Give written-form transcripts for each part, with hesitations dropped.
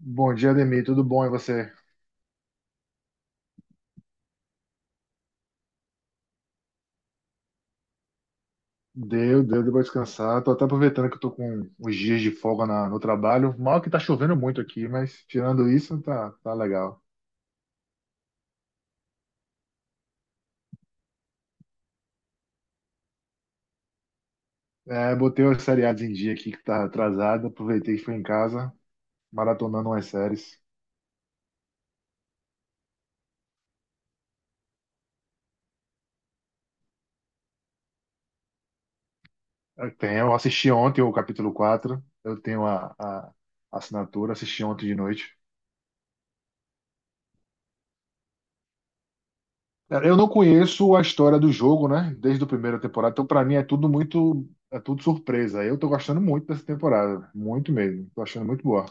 Bom dia, Ademir. Tudo bom? E você? Deu pra descansar. Tô até aproveitando que eu tô com uns dias de folga no trabalho. Mal que tá chovendo muito aqui, mas tirando isso, tá legal. É, botei os seriados em dia aqui que tá atrasado. Aproveitei que fui em casa, maratonando umas séries. Eu tenho, eu assisti ontem o capítulo 4. Eu tenho a assinatura, assisti ontem de noite. Cara, eu não conheço a história do jogo, né? Desde a primeira temporada, então pra mim é tudo muito, é tudo surpresa. Eu tô gostando muito dessa temporada, muito mesmo. Tô achando muito boa.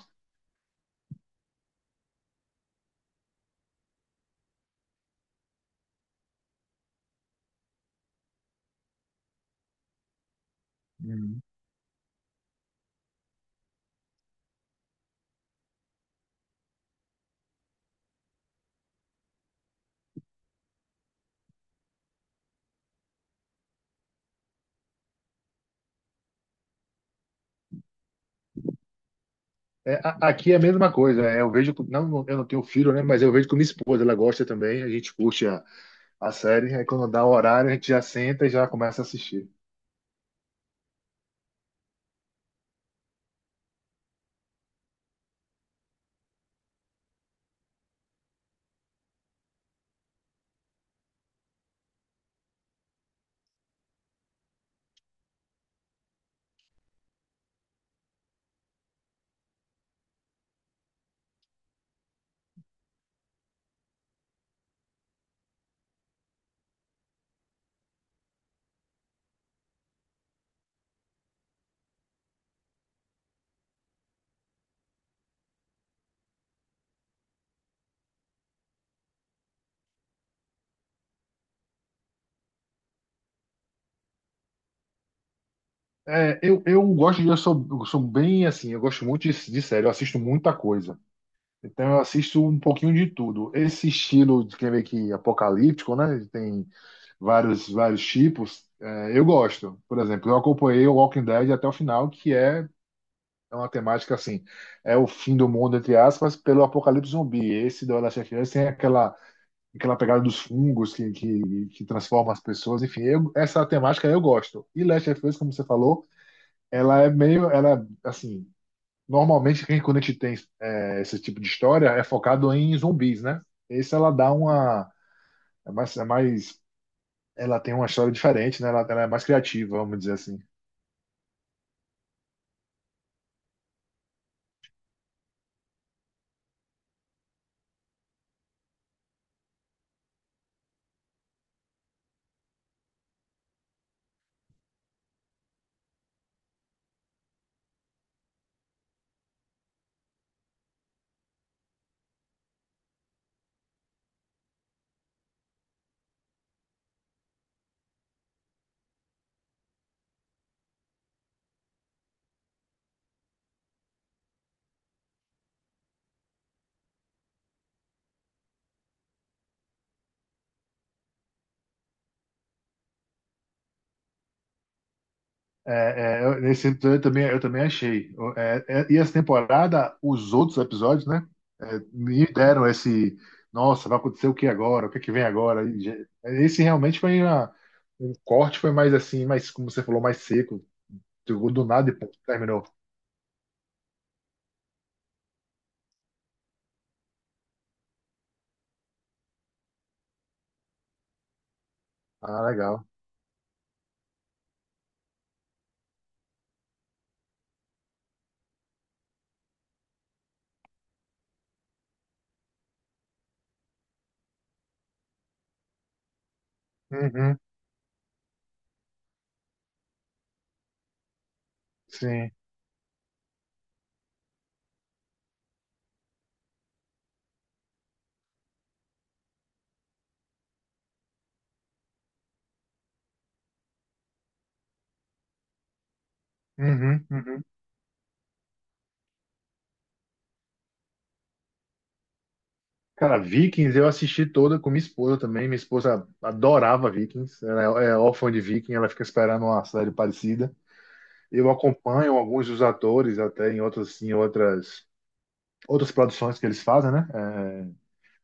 Uhum. É, aqui é a mesma coisa. Eu vejo, não, eu não tenho filho, né? Mas eu vejo com minha esposa, ela gosta também. A gente curte a série. Aí quando dá o horário, a gente já senta e já começa a assistir. É, eu gosto de, eu sou bem assim, eu gosto muito de série, eu assisto muita coisa. Então eu assisto um pouquinho de tudo. Esse estilo de quem vê que apocalíptico, né? Tem vários tipos, é, eu gosto. Por exemplo, eu acompanhei o Walking Dead até o final, que é uma temática assim, é o fim do mundo, entre aspas, pelo apocalipse zumbi. Esse do Last of Us tem aquela pegada dos fungos que transforma as pessoas. Enfim, essa temática eu gosto. E Last of Us, como você falou, ela é meio, ela, assim, normalmente quem, quando a gente tem é, esse tipo de história é focado em zumbis, né? Esse ela dá uma, é mais ela tem uma história diferente, né? Ela é mais criativa, vamos dizer assim. É, eu- nesse episódio eu também achei. E essa temporada, os outros episódios, né? é, me deram esse. Nossa, vai acontecer o que agora? O que é que vem agora? E já- Esse realmente foi um corte, foi mais assim, mais, como você falou, mais seco. Chegou do nada e pum, terminou. Ah, legal. Uhum, sim. Uhum, uhum. Cara, Vikings eu assisti toda com minha esposa também. Minha esposa adorava Vikings, ela é órfã de Viking, ela fica esperando uma série parecida. Eu acompanho alguns dos atores até em outras, outras produções que eles fazem, né? É,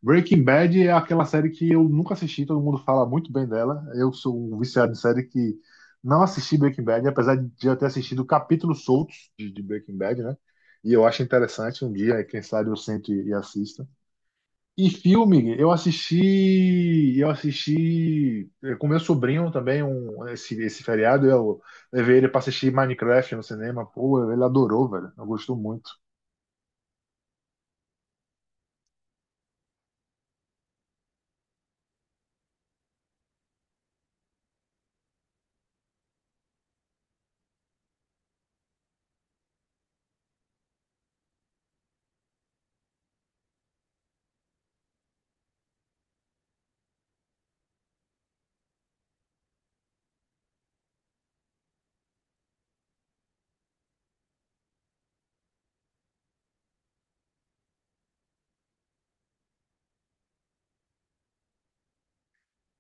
Breaking Bad é aquela série que eu nunca assisti, todo mundo fala muito bem dela. Eu sou um viciado em série que não assisti Breaking Bad, apesar de já ter assistido capítulos soltos de Breaking Bad, né? E eu acho interessante um dia, quem sabe eu sento e assisto. E filme, eu assisti com meu sobrinho também um, esse feriado, eu levei ele para assistir Minecraft no cinema, pô, ele adorou, velho, eu gostou muito.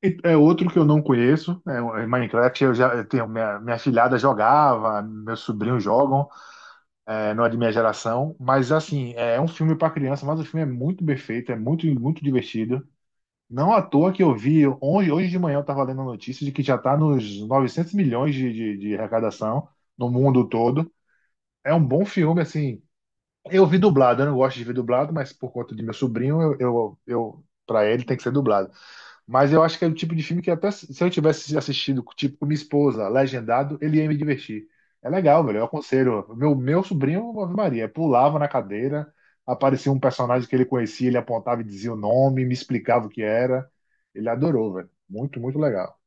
E é outro que eu não conheço, né, Minecraft eu tenho, minha filhada jogava, meus sobrinhos jogam, eh, não é de minha geração, mas assim, é um filme para criança, mas o filme é muito bem feito, é muito, muito divertido. Não à toa que eu vi, hoje de manhã eu estava lendo a notícia de que já está nos 900 milhões de arrecadação no mundo todo. É um bom filme, assim. Eu vi dublado, eu não gosto de ver dublado, mas por conta de meu sobrinho, eu para ele tem que ser dublado. Mas eu acho que é o tipo de filme que até se eu tivesse assistido, tipo, com minha esposa, legendado, ele ia me divertir. É legal, velho. Eu aconselho. Meu sobrinho, Ave Maria, pulava na cadeira, aparecia um personagem que ele conhecia, ele apontava e dizia o nome, me explicava o que era. Ele adorou, velho. Muito, muito legal.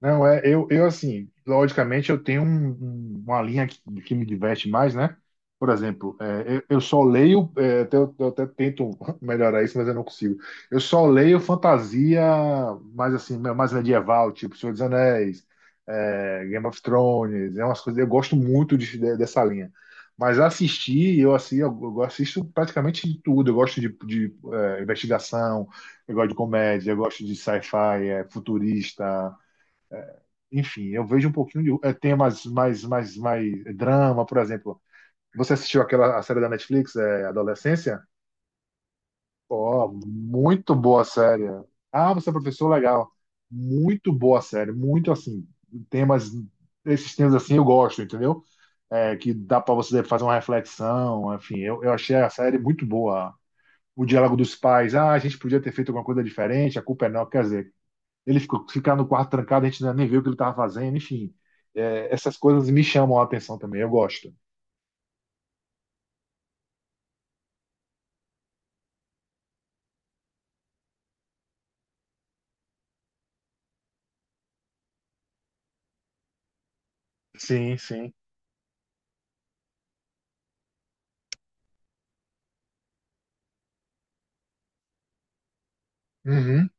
Não, é, eu assim, logicamente eu tenho uma linha que me diverte mais, né? Por exemplo, é, eu só leio, é, eu até tento melhorar isso, mas eu não consigo. Eu só leio fantasia mais assim, mais medieval, tipo Senhor dos Anéis, é, Game of Thrones, é umas coisas, eu gosto muito dessa linha. Mas assistir, eu assim, eu assisto praticamente de tudo. Eu gosto de, é, investigação, eu gosto de comédia, eu gosto de sci-fi, é, futurista enfim, eu vejo um pouquinho de é, mais drama, por exemplo. Você assistiu aquela a série da Netflix, é, Adolescência? Ó, muito boa série. Ah, você é professor, legal. Muito boa série, muito assim, temas, esses temas assim eu gosto, entendeu? É, que dá para você fazer uma reflexão, enfim, eu achei a série muito boa. O diálogo dos pais, ah, a gente podia ter feito alguma coisa diferente, a culpa é não, quer dizer, ficar no quarto trancado, a gente nem viu o que ele estava fazendo, enfim. É, essas coisas me chamam a atenção também, eu gosto. Sim, sim. Uhum,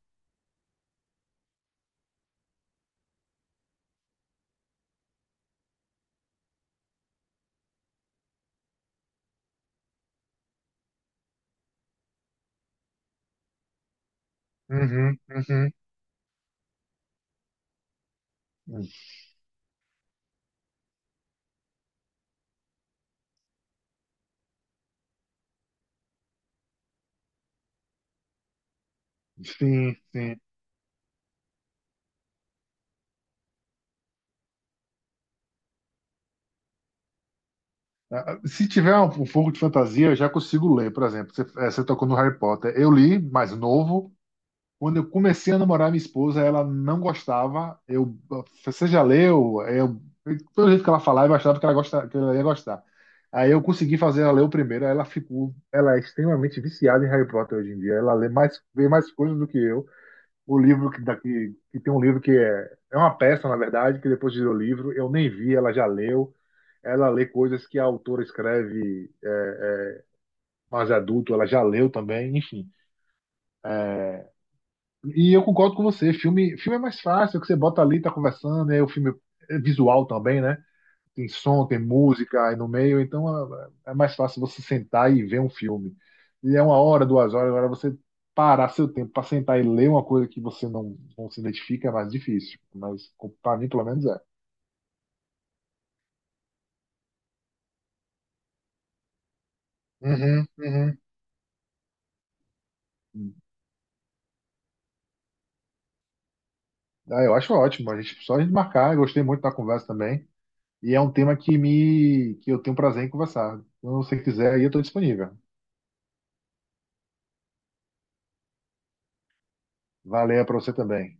uhum, uhum. Sim, sim. Se tiver um pouco de fantasia, eu já consigo ler, por exemplo. Você, você tocou no Harry Potter. Eu li, mais novo, quando eu comecei a namorar minha esposa, ela não gostava. Eu, você já leu? Eu, pelo jeito que ela falava, eu achava gosta, que ela ia gostar. Aí eu consegui fazer ela ler o primeiro. Aí Ela ficou, ela é extremamente viciada em Harry Potter hoje em dia. Ela lê mais, vê mais coisas do que eu. O livro que daqui, que tem um livro é uma peça, na verdade, que depois virou livro. Eu nem vi, ela já leu. Ela lê coisas que a autora escreve é, mais adulto, ela já leu também, enfim. E eu concordo com você, filme, filme é mais fácil, que você bota ali, tá conversando, é o filme é visual também, né? Tem som, tem música aí no meio, então é, é mais fácil você sentar e ver um filme. E é uma hora, duas horas, agora você parar seu tempo para sentar e ler uma coisa que você não se identifica é mais difícil, mas para mim pelo menos é. Uhum, uhum. Ah, eu acho ótimo, a gente, só a gente marcar, eu gostei muito da conversa também, e é um tema que eu tenho prazer em conversar. Então, se você quiser, aí eu estou disponível. Valeu para você também.